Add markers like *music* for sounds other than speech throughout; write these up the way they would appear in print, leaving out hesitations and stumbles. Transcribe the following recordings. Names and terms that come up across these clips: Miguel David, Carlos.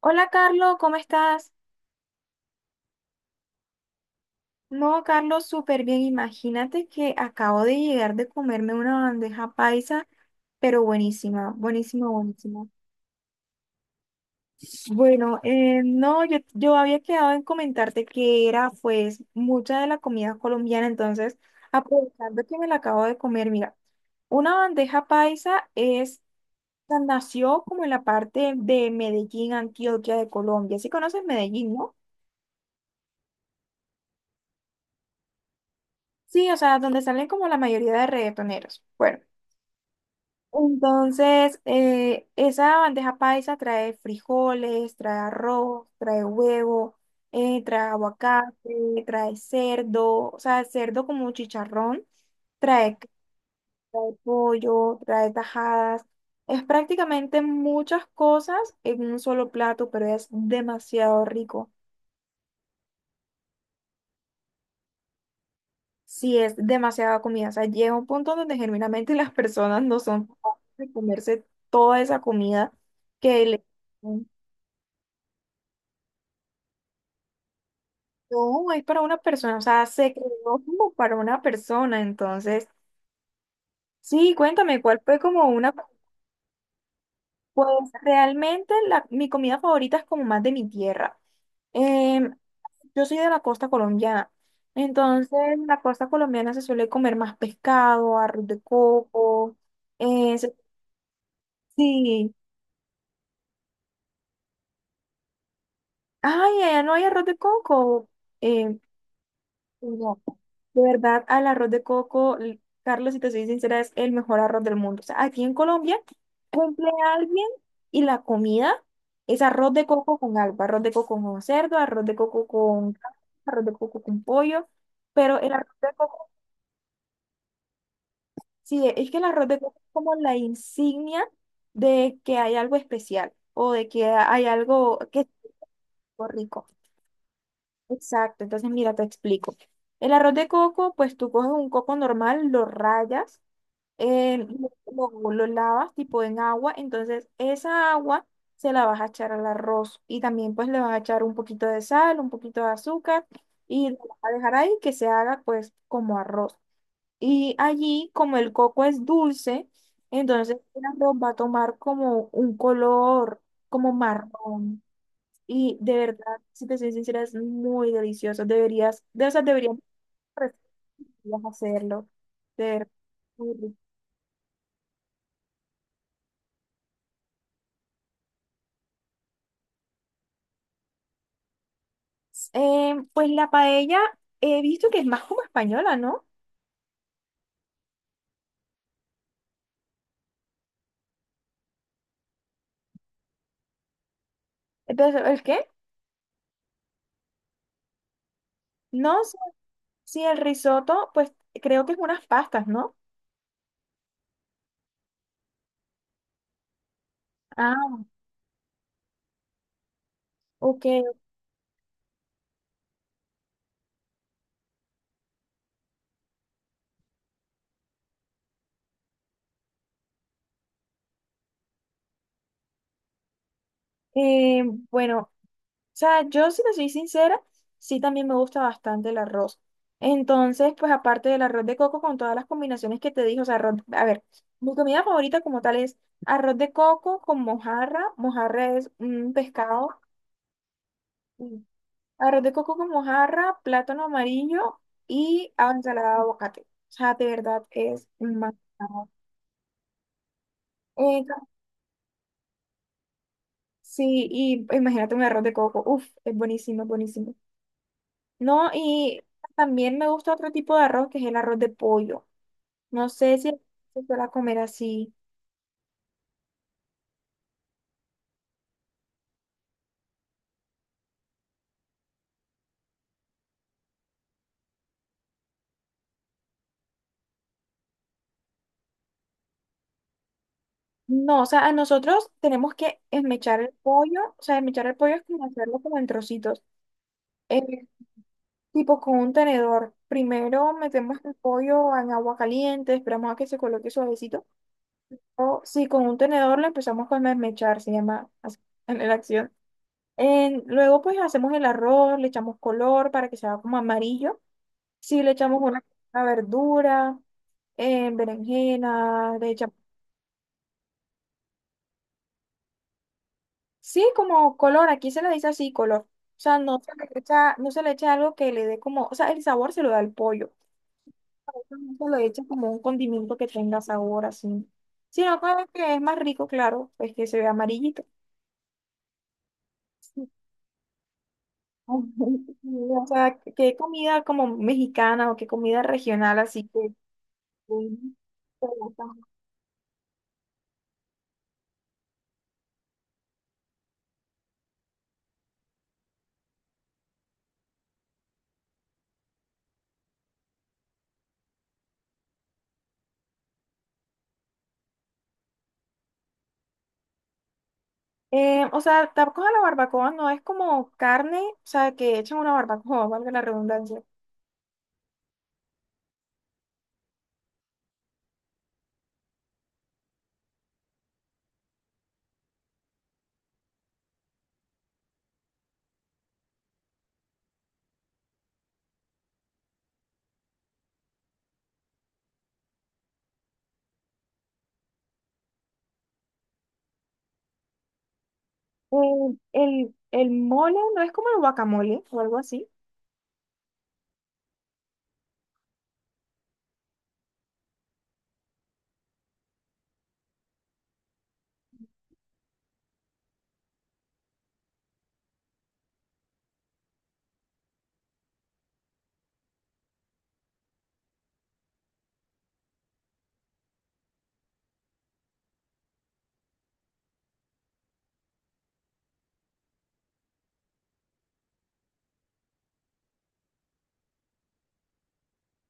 Hola Carlos, ¿cómo estás? No, Carlos, súper bien. Imagínate que acabo de llegar de comerme una bandeja paisa, pero buenísima, buenísima, buenísima. Bueno, no, yo había quedado en comentarte que era pues mucha de la comida colombiana, entonces aprovechando que me la acabo de comer, mira, una bandeja paisa es, o sea, nació como en la parte de Medellín, Antioquia de Colombia. ¿Sí conoces Medellín, no? Sí, o sea, donde salen como la mayoría de reggaetoneros. Bueno. Entonces, esa bandeja paisa trae frijoles, trae arroz, trae huevo, trae aguacate, trae cerdo, o sea, cerdo como chicharrón, trae, trae pollo, trae tajadas. Es prácticamente muchas cosas en un solo plato, pero es demasiado rico. Sí, es demasiada comida. O sea, llega un punto donde genuinamente *laughs* las personas no son capaces de comerse toda esa comida que le... No, es para una persona, o sea, se creó como para una persona, entonces, sí, cuéntame, ¿cuál fue como una, pues realmente la, mi comida favorita es como más de mi tierra. Em, yo soy de la costa colombiana, entonces en la costa colombiana se suele comer más pescado, arroz de coco, eh, se- sí, ay, allá no hay arroz de coco, em, no. De verdad, al arroz de coco, l- Carlos, si te soy sincera, es el mejor arroz del mundo. O sea, aquí en Colombia cumple alguien y la comida es arroz de coco con algo, arroz de coco con cerdo, arroz de coco con carne, arroz de coco con pollo, pero el arroz de coco, sí, es que el arroz de coco es como la insignia de que hay algo especial o de que hay algo que es rico. Exacto, entonces mira, te explico. El arroz de coco, pues tú coges un coco normal, lo rayas eh, lo lavas tipo en agua, entonces esa agua se la vas a echar al arroz y también pues le vas a echar un poquito de sal, un poquito de azúcar y lo vas a dejar ahí que se haga pues como arroz. Y allí como el coco es dulce, entonces el arroz va a tomar como un color como marrón y de verdad, si te soy sincera, es muy delicioso. Deberías, de esas deberías pues, hacerlo. De verdad, muy rico. Pues la paella he visto que es más como española, ¿no? Entonces, ¿el qué? No sé si el risotto, pues creo que es unas pastas, ¿no? Ah, ok. Eh, bueno, o sea, yo si te soy sincera, sí también me gusta bastante el arroz. Entonces, pues aparte del arroz de coco con todas las combinaciones que te dije, o sea, arroz, a ver, mi comida favorita como tal es arroz de coco con mojarra. Mojarra es un pescado. Arroz de coco con mojarra, plátano amarillo y ah, ensalada de aguacate. O sea, de verdad es más. Eh, sí, y imagínate un arroz de coco. Uf, es buenísimo, es buenísimo. No, y también me gusta otro tipo de arroz que es el arroz de pollo. No sé si se suele comer así. No, o sea, a nosotros tenemos que esmechar el pollo. O sea, esmechar el pollo es como hacerlo como en trocitos. Eh, Tipo con un tenedor. Primero metemos el pollo en agua caliente, esperamos a que se coloque suavecito. O si con un tenedor lo empezamos a desmechar, se llama así en la acción. Luego pues hacemos el arroz, le echamos color para que se haga como amarillo. Si le echamos una verdura, berenjena, le echamos... Sí, como color, aquí se le dice así, color. O sea, no se le echa, no se le echa algo que le dé como, o sea, el sabor se lo da el pollo. Nunca lo he hecho como un condimento que tenga sabor así. Sino como que es más rico, claro, pues que se ve amarillito. Sí. *laughs* O sea, qué comida como mexicana o qué comida regional así que... o sea, tampoco la barbacoa no es como carne, o sea, que echan una barbacoa, valga la redundancia. El mole no es como el guacamole o algo así.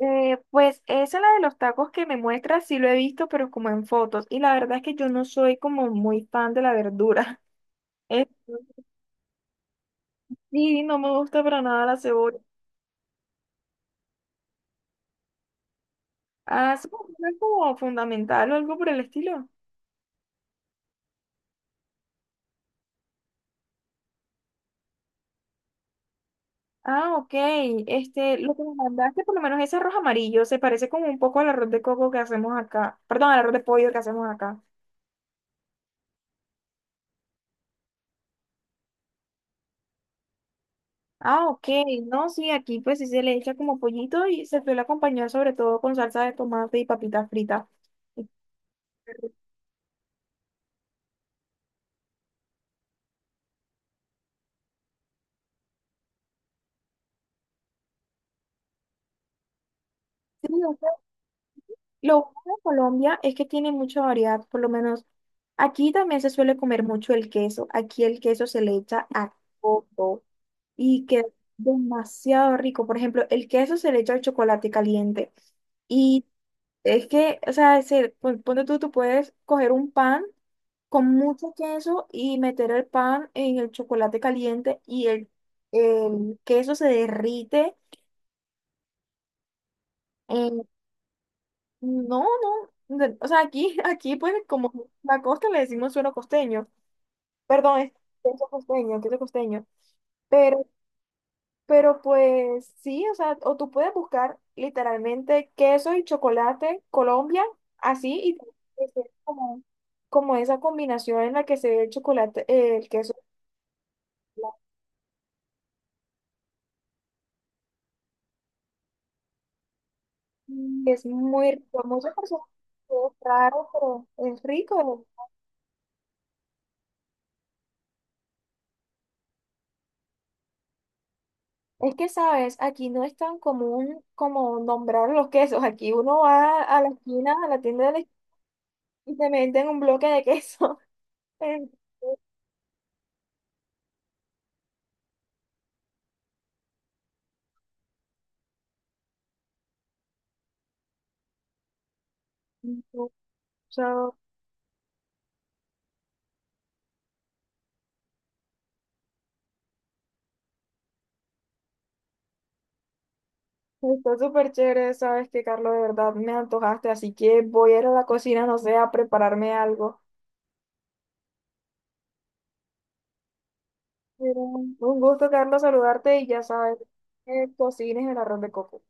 Pues esa la de los tacos que me muestra, sí lo he visto, pero como en fotos. Y la verdad es que yo no soy como muy fan de la verdura. *laughs* Es- sí, no me gusta para nada la cebolla. Ah, ¿sí no es como fundamental o algo por el estilo? Ah, ok. Este, lo que me mandaste, por lo menos ese arroz amarillo, se parece como un poco al arroz de coco que hacemos acá. Perdón, al arroz de pollo que hacemos acá. Ah, ok. No, sí, aquí pues sí se le echa como pollito y se suele acompañar sobre todo con salsa de tomate y papitas fritas. Sí, o sea, lo bueno de Colombia es que tiene mucha variedad, por lo menos aquí también se suele comer mucho el queso. Aquí el queso se le echa a todo y queda demasiado rico. Por ejemplo, el queso se le echa al chocolate caliente y es que, o sea, se, ponte tú, tú puedes coger un pan con mucho queso y meter el pan en el chocolate caliente y el queso se derrite. No, no. O sea, aquí, *laughs* aquí pues como la costa le decimos suelo costeño. Perdón, es queso costeño, queso costeño. Pero, pero pues sí, o sea, o tú puedes buscar literalmente queso y chocolate Colombia, así, y te- te como, como esa combinación en la que se ve el chocolate, el queso, que es muy rico. Muchas personas, es raro, pero es rico. Es que, sabes, aquí no es tan común como nombrar los quesos. Aquí uno va a la esquina, a la tienda de la esquina y te meten un bloque de queso. *laughs* Entonces, o sea, está súper chévere, sabes que, Carlos, de verdad me antojaste, así que voy a ir a la cocina, no sé, a prepararme algo. Pero un gusto, Carlos, saludarte y ya sabes, cocines el arroz de coco.